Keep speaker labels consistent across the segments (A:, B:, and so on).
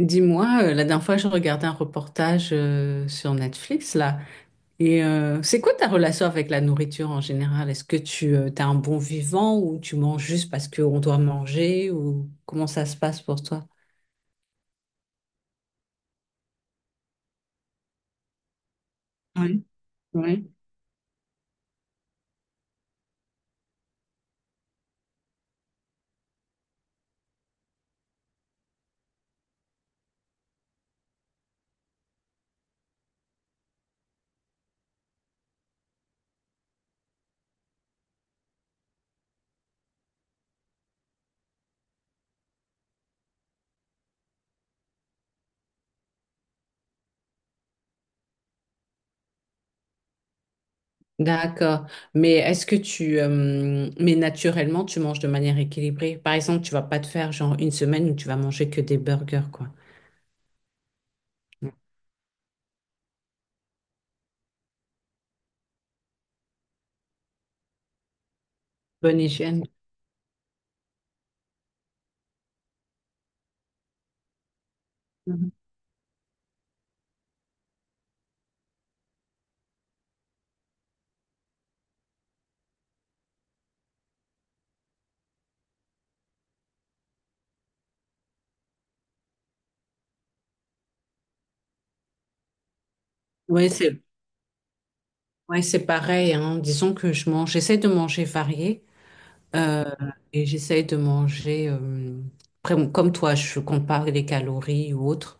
A: Dis-moi, la dernière fois, je regardais un reportage sur Netflix, là. Et c'est quoi ta relation avec la nourriture en général? Est-ce que tu as un bon vivant ou tu manges juste parce qu'on doit manger ou comment ça se passe pour toi? Oui. Oui. D'accord. Mais est-ce que tu... mais naturellement, tu manges de manière équilibrée. Par exemple, tu vas pas te faire genre une semaine où tu vas manger que des burgers, quoi. Bonne hygiène. Mhm. Oui, c'est ouais, c'est pareil, hein. Disons que je mange, j'essaie de manger varié. Euh, et j'essaye de manger, après, bon, comme toi, je compte pas les calories ou autre.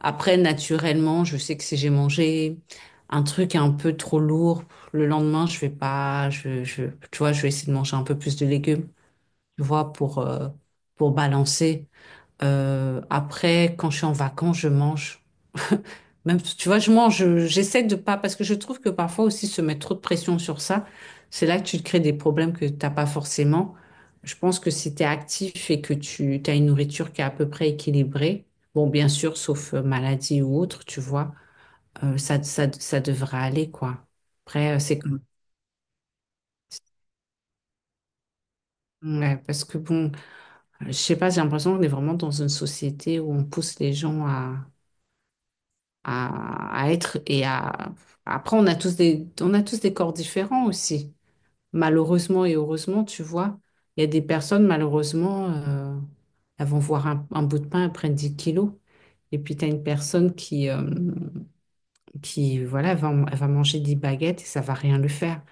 A: Après, naturellement, je sais que si j'ai mangé un truc un peu trop lourd, le lendemain, je vais pas, tu vois, je vais essayer de manger un peu plus de légumes, tu vois, pour balancer. Après, quand je suis en vacances, je mange. Même, tu vois, je mange, j'essaie de pas, parce que je trouve que parfois aussi se mettre trop de pression sur ça, c'est là que tu te crées des problèmes que t'as pas forcément. Je pense que si tu es actif et que tu as une nourriture qui est à peu près équilibrée, bon, bien sûr, sauf maladie ou autre, tu vois, ça devrait aller, quoi. Après, c'est comme, ouais, parce que bon, je sais pas, j'ai l'impression qu'on est vraiment dans une société où on pousse les gens à, à être et à, après, on a tous des, on a tous des corps différents aussi. Malheureusement et heureusement, tu vois, il y a des personnes, malheureusement, elles vont voir un bout de pain, elles prennent 10 kilos. Et puis, tu as une personne qui voilà, elle va manger 10 baguettes et ça va rien lui faire.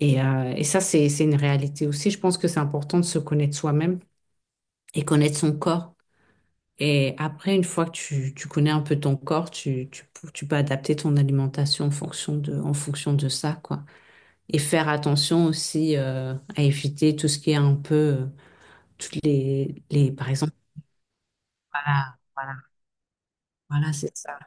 A: Et, et ça, c'est une réalité aussi. Je pense que c'est important de se connaître soi-même et connaître son corps. Et après, une fois que tu connais un peu ton corps, tu peux adapter ton alimentation en fonction de ça, quoi. Et faire attention aussi à éviter tout ce qui est un peu toutes les par exemple voilà, voilà, voilà, c'est ça.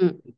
A: Mm,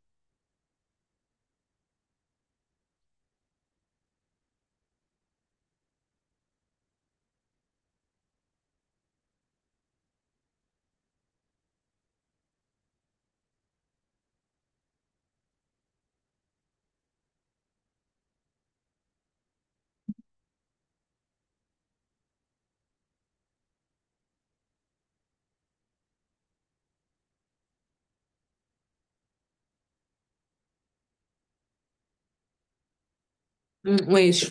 A: mm, ouais je-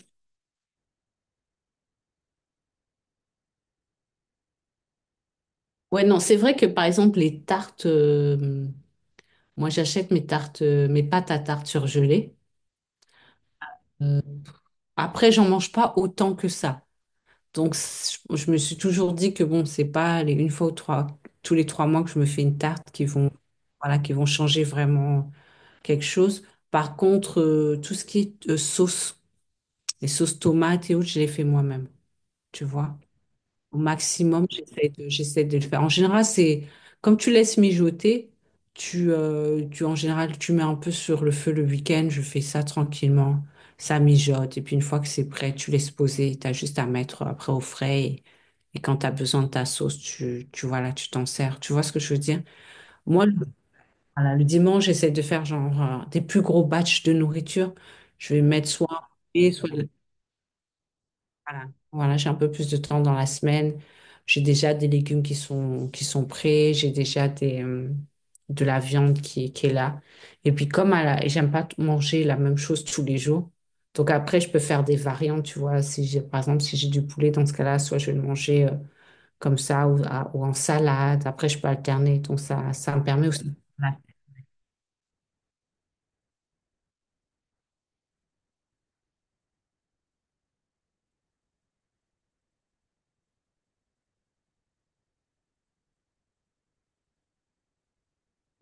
A: ouais, non, c'est vrai que par exemple les tartes moi j'achète mes tartes mes pâtes à tarte surgelées. Euh, après j'en mange pas autant que ça donc je me suis toujours dit que bon c'est pas les une fois ou trois tous les 3 mois que je me fais une tarte qui vont voilà qui vont changer vraiment quelque chose. Par contre tout ce qui est sauce. Les sauces tomates et autres, je les fais moi-même, tu vois. Au maximum, j'essaie de le faire. En général, c'est comme tu laisses mijoter, tu, en général, tu mets un peu sur le feu le week-end, je fais ça tranquillement, ça mijote. Et puis une fois que c'est prêt, tu laisses poser, tu as juste à mettre après au frais. Et quand tu as besoin de ta sauce, tu vois là, tu t'en sers. Tu vois ce que je veux dire? Moi, le, voilà, le dimanche, j'essaie de faire genre des plus gros batchs de nourriture. Je vais mettre soit un poulet, soit voilà, voilà, j'ai un peu plus de temps dans la semaine. J'ai déjà des légumes qui sont prêts. J'ai déjà des, de la viande qui est là. Et puis, comme à la, et j'aime pas manger la même chose tous les jours. Donc, après, je peux faire des variantes, tu vois. Si j'ai, par exemple, si j'ai du poulet, dans ce cas-là, soit je vais le manger, comme ça ou, ou en salade. Après, je peux alterner. Donc, ça me permet aussi. Ouais.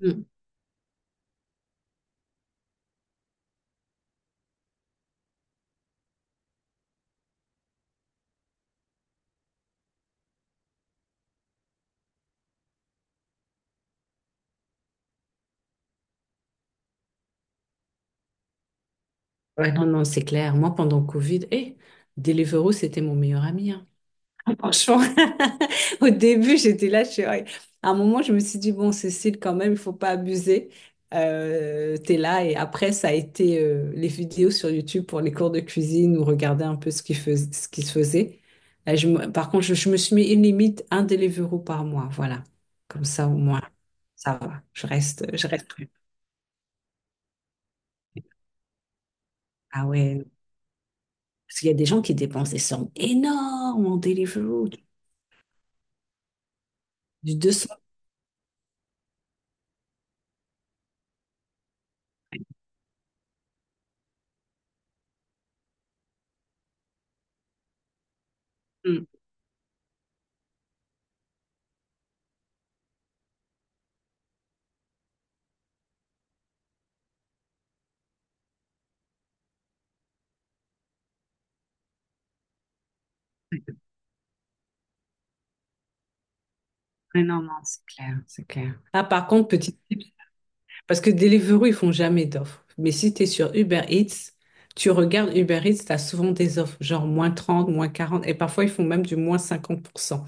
A: Mm. Ouais, non, non, c'est clair. Moi, pendant le Covid, eh, Deliveroo, c'était mon meilleur ami, hein. Franchement, au début, j'étais là, je suis... ouais. À un moment, je me suis dit, bon, Cécile, quand même, il faut pas abuser. T'es là. Et après, ça a été les vidéos sur YouTube pour les cours de cuisine ou regarder un peu ce qui se faisait. Là, par contre, je me suis mis une limite, un Deliveroo par mois. Voilà. Comme ça, au moins, ça va. Je reste plus. Ah ouais. Parce qu'il y a des gens qui dépensent des sommes énormes en Deliveroo, du 200. Mm. Mais non, non, c'est clair, c'est clair. Ah, par contre, petit tip, parce que Deliveroo, ils font jamais d'offres. Mais si tu es sur Uber Eats, tu regardes Uber Eats, tu as souvent des offres, genre -30 -40 et parfois ils font même du -50%.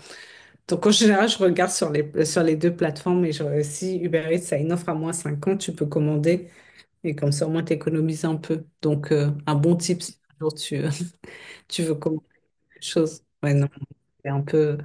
A: Donc en général, je regarde sur les deux plateformes, et genre, si Uber Eats a une offre à -50 tu peux commander, et comme ça au moins tu économises un peu. Donc un bon tip, si un jour tu, tu veux commander quelque chose. Ouais, non, c'est un peu...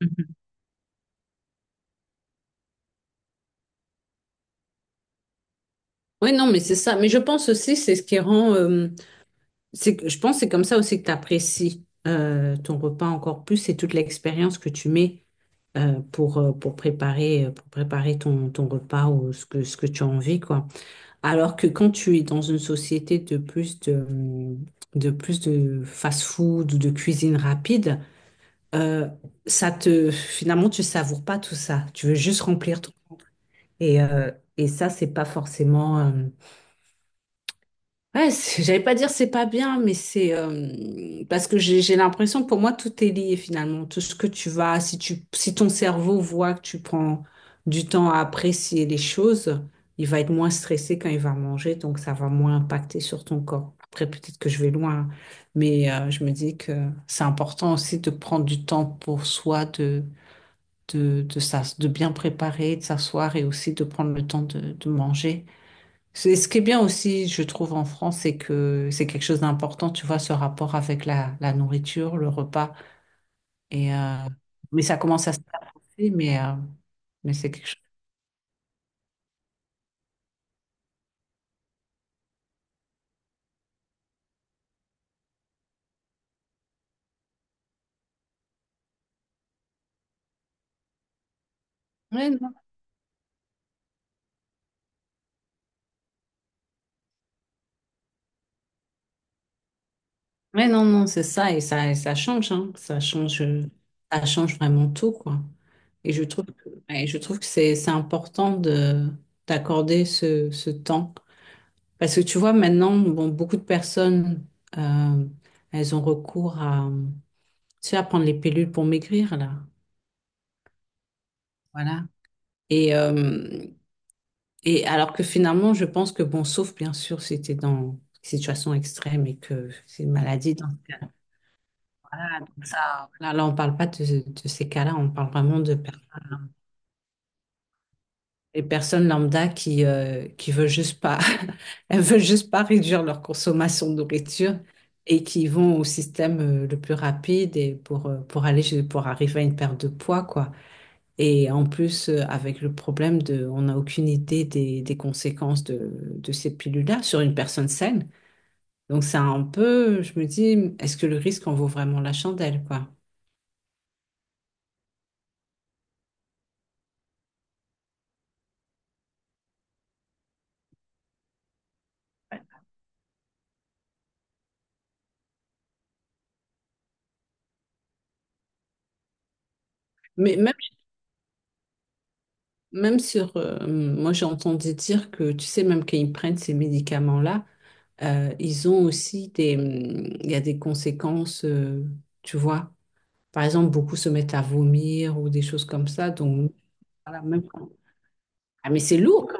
A: Mhm. Oui, non, mais c'est ça. Mais je pense aussi, c'est ce qui rend, je pense que c'est comme ça aussi que tu apprécies ton repas encore plus et toute l'expérience que tu mets pour préparer ton, ton repas ou ce que tu as envie, quoi. Alors que quand tu es dans une société de plus de fast-food ou de cuisine rapide, euh, ça te, finalement, tu savoures pas tout ça. Tu veux juste remplir ton... Et, et ça, c'est pas forcément... Ouais, j'allais pas dire c'est pas bien, mais c'est parce que j'ai l'impression que pour moi tout est lié finalement. Tout ce que tu vas, si tu, si ton cerveau voit que tu prends du temps à apprécier les choses, il va être moins stressé quand il va manger, donc ça va moins impacter sur ton corps. Après, peut-être que je vais loin, hein, mais je me dis que c'est important aussi de prendre du temps pour soi, de bien préparer, de s'asseoir et aussi de prendre le temps de manger. Ce qui est bien aussi, je trouve, en France, c'est que c'est quelque chose d'important, tu vois, ce rapport avec la, la nourriture, le repas. Et, mais ça commence à se passer, mais c'est quelque chose. Mais non, mais non, non, c'est ça, et ça, et ça change, hein. Ça change vraiment tout, quoi. Et je trouve que, et je trouve que c'est important de, d'accorder ce, ce temps. Parce que tu vois, maintenant, bon, beaucoup de personnes, euh, elles ont recours à tu vas prendre les pilules pour maigrir, là. Voilà. Et, et alors que finalement, je pense que, bon, sauf bien sûr si tu dans une situation extrême et que c'est une maladie dans ce cas-là. Voilà, donc ça, là, là, on ne parle pas de, de ces cas-là, on parle vraiment des personnes lambda qui veulent juste pas, elles veulent juste pas réduire leur consommation de nourriture et qui vont au système le plus rapide et pour aller, pour arriver à une perte de poids, quoi. Et en plus, avec le problème de, on n'a aucune idée des conséquences de ces pilules-là sur une personne saine. Donc, c'est un peu, je me dis, est-ce que le risque en vaut vraiment la chandelle, quoi? Mais même, même sur, moi, j'ai entendu dire que, tu sais, même quand ils prennent ces médicaments-là, ils ont aussi des, il y a des conséquences, tu vois. Par exemple, beaucoup se mettent à vomir ou des choses comme ça. Donc, voilà, ah, mais c'est lourd quand.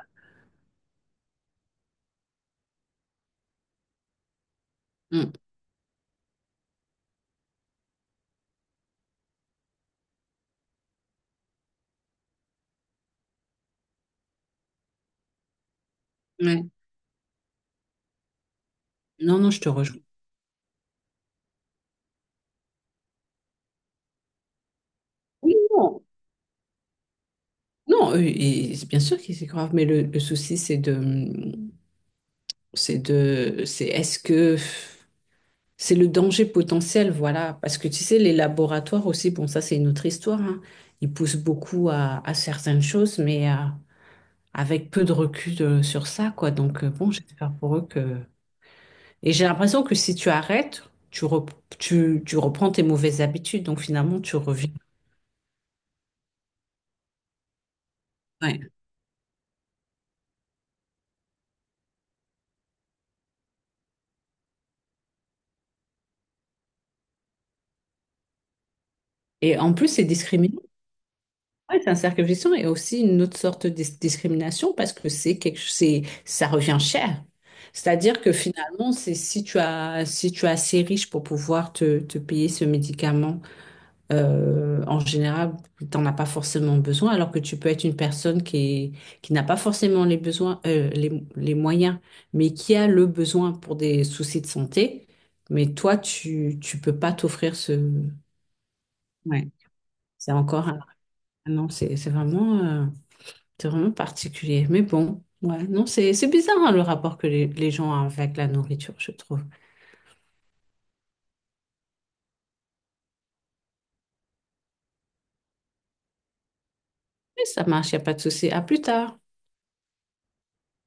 A: Mm. Ouais. Non, non, je te rejoins. Oui, non. Non, et c'est bien sûr que c'est grave, mais le souci, c'est de, c'est de, c'est est-ce que c'est le danger potentiel, voilà, parce que tu sais, les laboratoires aussi, bon, ça c'est une autre histoire, hein. Ils poussent beaucoup à certaines choses, mais avec peu de recul sur ça, quoi. Donc bon, j'espère pour eux que. Et j'ai l'impression que si tu arrêtes, tu, rep- tu, tu reprends tes mauvaises habitudes, donc finalement tu reviens. Ouais. Et en plus, c'est discriminant. Oui, c'est un cercle vicieux et aussi une autre sorte discrimination parce que c'est quelque c'est ça revient cher. C'est-à-dire que finalement, c'est si tu as si tu es assez riche pour pouvoir te, te payer ce médicament, en général, tu n'en as pas forcément besoin, alors que tu peux être une personne qui n'a pas forcément les besoins les moyens, mais qui a le besoin pour des soucis de santé, mais toi tu tu peux pas t'offrir ce ouais, c'est encore un non, c'est vraiment particulier. Mais bon, ouais, non, c'est bizarre hein, le rapport que les gens ont avec la nourriture, je trouve. Mais ça marche, il n'y a pas de souci. À plus tard.